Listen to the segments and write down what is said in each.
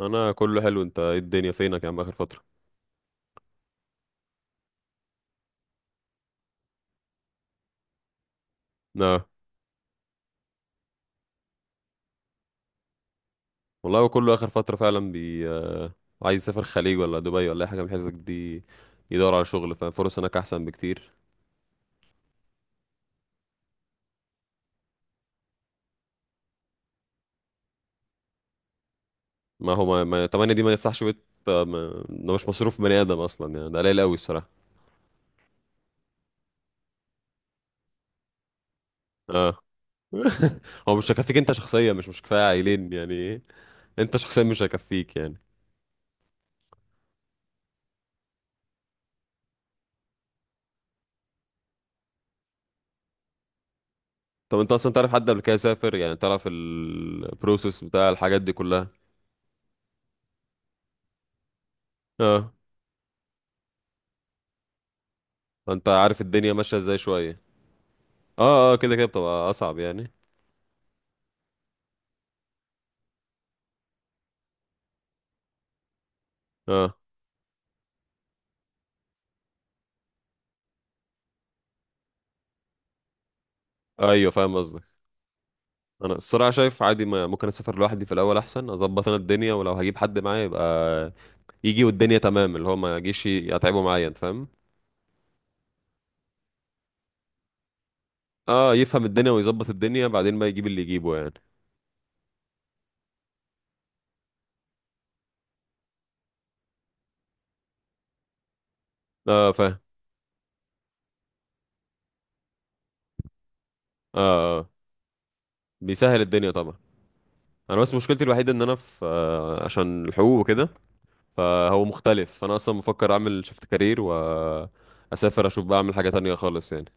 انا كله حلو، انت ايه الدنيا فينك يا عم اخر فتره؟ لا والله، هو كله اخر فتره فعلا بي آه، عايز يسافر خليج ولا دبي ولا اي حاجه من الحتت دي، يدور على شغل فالفرص هناك احسن بكتير. ما هو ما, ما... طبعا دي ما يفتحش بيت، آه، ما... ده مش مصروف بني ادم اصلا، يعني ده قليل قوي الصراحه. اه. هو مش هيكفيك انت شخصيا، مش كفايه عائلين، يعني إيه؟ انت شخصيا مش هيكفيك يعني. طب انت اصلا تعرف حد قبل كده سافر؟ يعني تعرف البروسيس بتاع الحاجات دي كلها؟ اه، فانت عارف الدنيا ماشيه ازاي شويه. اه، اه، كده كده بتبقى اصعب يعني. اه، ايوه فاهم قصدك. انا الصراحه شايف عادي، ما ممكن اسافر لوحدي في الاول احسن اظبط انا الدنيا، ولو هجيب حد معايا يبقى يجي والدنيا تمام، اللي هو ما يجيش يتعبه معايا، انت فاهم. اه، يفهم الدنيا ويظبط الدنيا بعدين بقى يجيب اللي يجيبه يعني. اه فاهم. اه، اه، بيسهل الدنيا طبعا. انا بس مشكلتي الوحيده ان انا في عشان الحقوق وكده، فهو مختلف، فانا اصلا مفكر اعمل شيفت كارير واسافر اشوف بقى، اعمل حاجه تانية خالص يعني.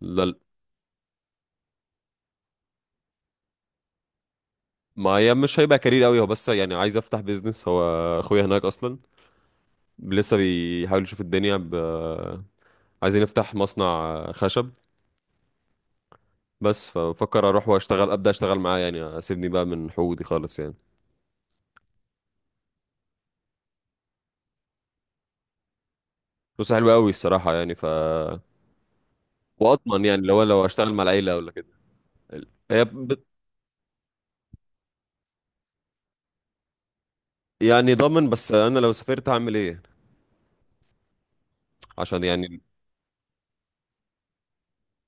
لا، ما هي مش هيبقى كارير قوي، هو بس يعني عايز افتح بيزنس، هو اخويا هناك اصلا لسه بيحاول يشوف الدنيا عايزين نفتح مصنع خشب، بس ففكر اروح واشتغل، ابدا اشتغل معاه، يعني اسيبني بقى من حقوقي خالص يعني. فلوسه حلوه قوي الصراحه يعني واضمن يعني لو اشتغل مع العيله ولا كده. هي يعني ضامن، بس انا لو سافرت هعمل ايه؟ عشان يعني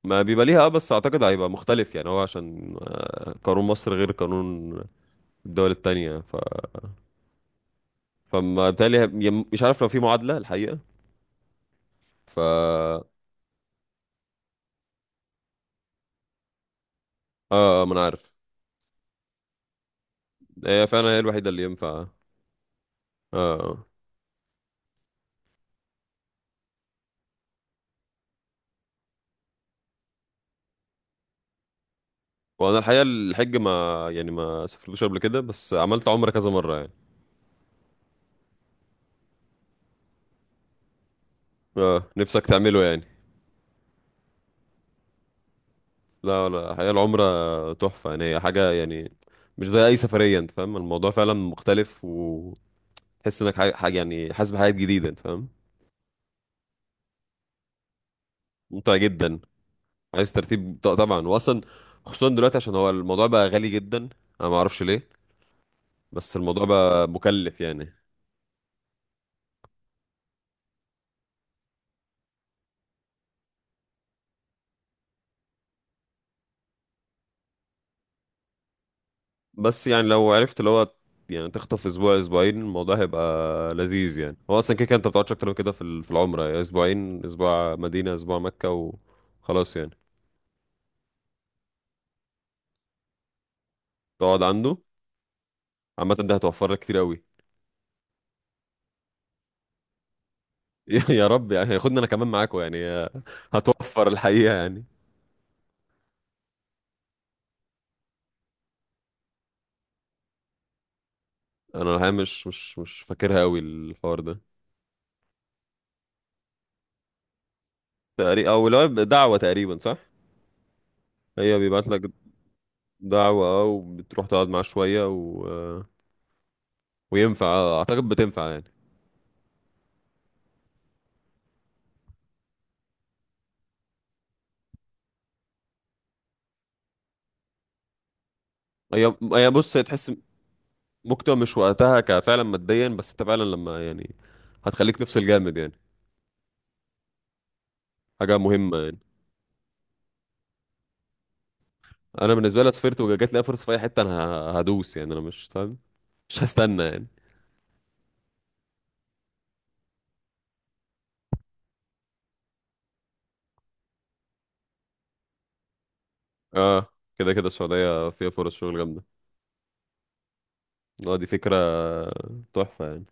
ما بيبقى ليها بس اعتقد هيبقى مختلف يعني، هو عشان قانون مصر غير قانون الدول التانية. فما تالي، مش عارف لو في معادلة الحقيقة ف اه آه، ما انا عارف. هي فعلا هي الوحيدة اللي ينفع اه. آه. وانا الحقيقة الحج، ما يعني ما سافرتوش قبل كده، بس عملت عمرة كذا مرة يعني. اه نفسك تعمله يعني. لا، لا، الحقيقة العمرة تحفة، يعني هي حاجة يعني، مش زي اي سفرية، انت فاهم الموضوع فعلا مختلف، وتحس انك حاجة حاجة يعني، حاسس بحاجات جديدة انت فاهم. ممتع جدا. عايز ترتيب، طبعا واصلا، خصوصا دلوقتي عشان هو الموضوع بقى غالي جدا، انا ما اعرفش ليه، بس الموضوع بقى مكلف يعني. بس يعني لو عرفت اللي هو، يعني تخطف اسبوع اسبوعين الموضوع هيبقى لذيذ يعني، هو اصلا كده كده انت ما بتقعدش اكتر من كده في في العمره، يعني اسبوعين، اسبوع مدينه اسبوع مكه وخلاص يعني. تقعد عنده. عامه ده هتوفر لك كتير قوي. يا رب يعني، هياخدني انا كمان معاكم يعني. هتوفر الحقيقه يعني. انا الحقيقه مش فاكرها قوي الحوار ده. تقريبا، او لو دعوه تقريبا، صح. هي بيبعت لك دعوه، او بتروح تقعد معاه شويه، وينفع، اعتقد بتنفع يعني. هي هي بص، هي تحس ممكن تبقى مش وقتها كفعلا ماديا، بس انت فعلا لما يعني هتخليك تفصل جامد يعني، حاجه مهمه يعني. انا بالنسبه لي لو سافرت وجات لي فرصه في اي حته انا هدوس، يعني انا مش فاهم، مش هستنى يعني. اه، كده كده السعوديه فيها فرص شغل جامده. اه دي فكره تحفه يعني.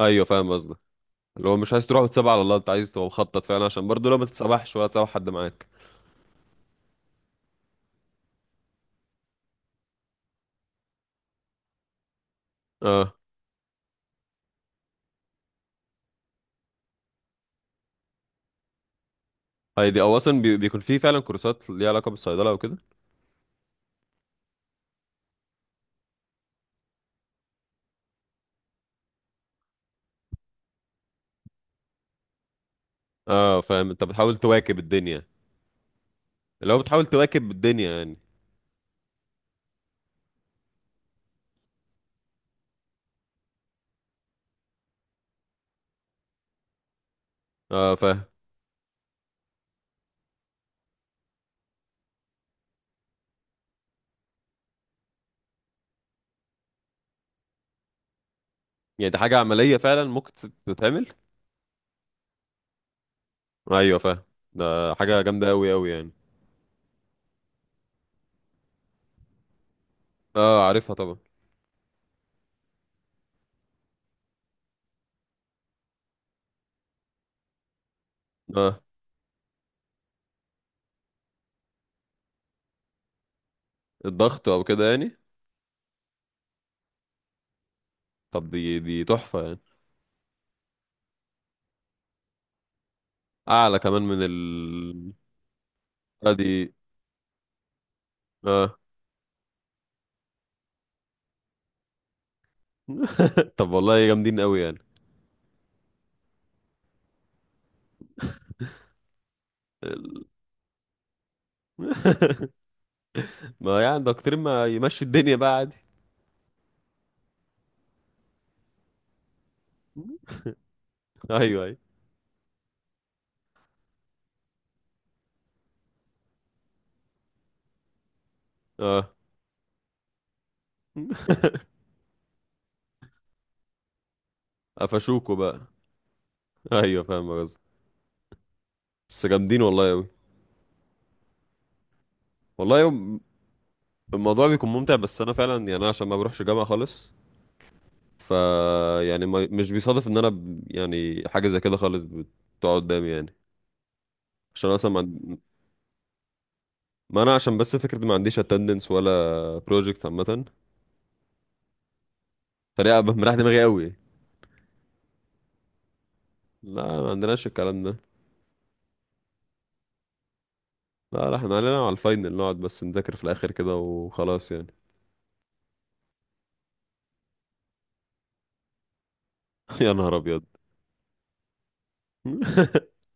ايوه فاهم قصدك، اللي هو مش عايز تروح وتسيبها على الله، انت عايز تبقى مخطط فعلا، عشان برضه لو ما تتسوحش ولا تسوح حد معاك. اه، هي دي او اصلا بيكون في فعلا كورسات ليها علاقه بالصيدله وكده. اه فاهم، انت بتحاول تواكب الدنيا. اللي هو بتحاول تواكب الدنيا يعني. اه فاهم. يعني دي حاجة عملية فعلا ممكن تتعمل. ايوه فاهم. ده حاجة جامدة اوي اوي يعني. اه عارفها طبعا. اه، الضغط او كده يعني. طب دي تحفة يعني. اعلى كمان من آه، دي، اه. طب والله جامدين اوي يعني. ال- ما يعني دكتور ما يمشي الدنيا بقى عادي. ايوه، ايوه. اه. قفشوكوا بقى. ايوه فاهم قصدي. بس جامدين والله أوي. والله الموضوع بيكون ممتع، بس انا فعلا يعني، انا عشان ما بروحش جامعة خالص ف يعني ما مش بيصادف ان انا يعني حاجة زي كده خالص بتقعد قدامي يعني، عشان اصلا ما انا عشان بس فكرة ما عنديش اتندنس ولا بروجكت عامة، فدي أبقى مريح دماغي قوي. لا ما عندناش الكلام ده. لا، لا، احنا علينا على الفاينل نقعد بس نذاكر في الاخر كده وخلاص يعني. يا نهار ابيض.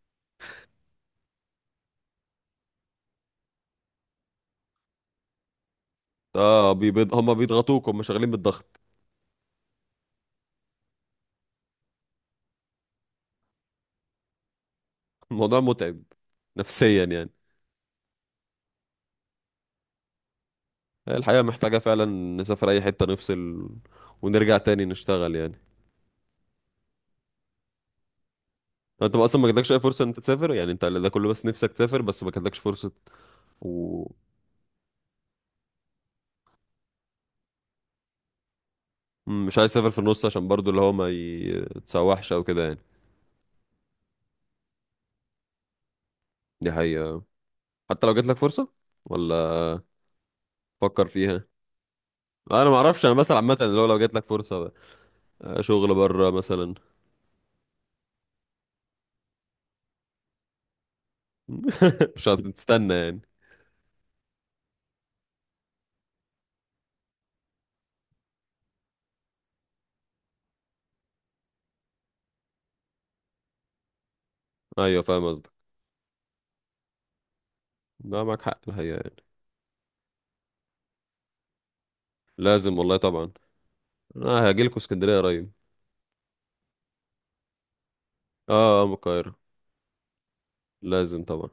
اه هم بيضغطوك، هم شغالين بالضغط. الموضوع متعب نفسيا يعني. الحقيقة محتاجة فعلا نسافر أي حتة، نفصل ونرجع تاني نشتغل يعني. أنت بقى أصلا ما جاتلكش أي فرصة إن أنت تسافر؟ يعني أنت ده كله بس نفسك تسافر، بس ما جاتلكش فرصة، ومش عايز تسافر في النص، عشان برضو اللي هو ما يتسوحش أو كده يعني. دي حقيقة. حتى لو جاتلك فرصة ولا، فكر فيها. أنا ما أعرفش، أنا مثلا عامة اللي هو لو جاتلك فرصة، شغل بره مثلا. مش هتستنى يعني. أيوة فاهم قصدك. لا معاك حق الحقيقة يعني. لازم والله طبعا. أنا هجيلكوا اسكندرية قريب. اه، من القاهرة. لازم طبعا.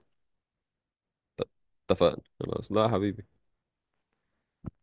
ت- اتفقنا خلاص. لا يا حبيبي.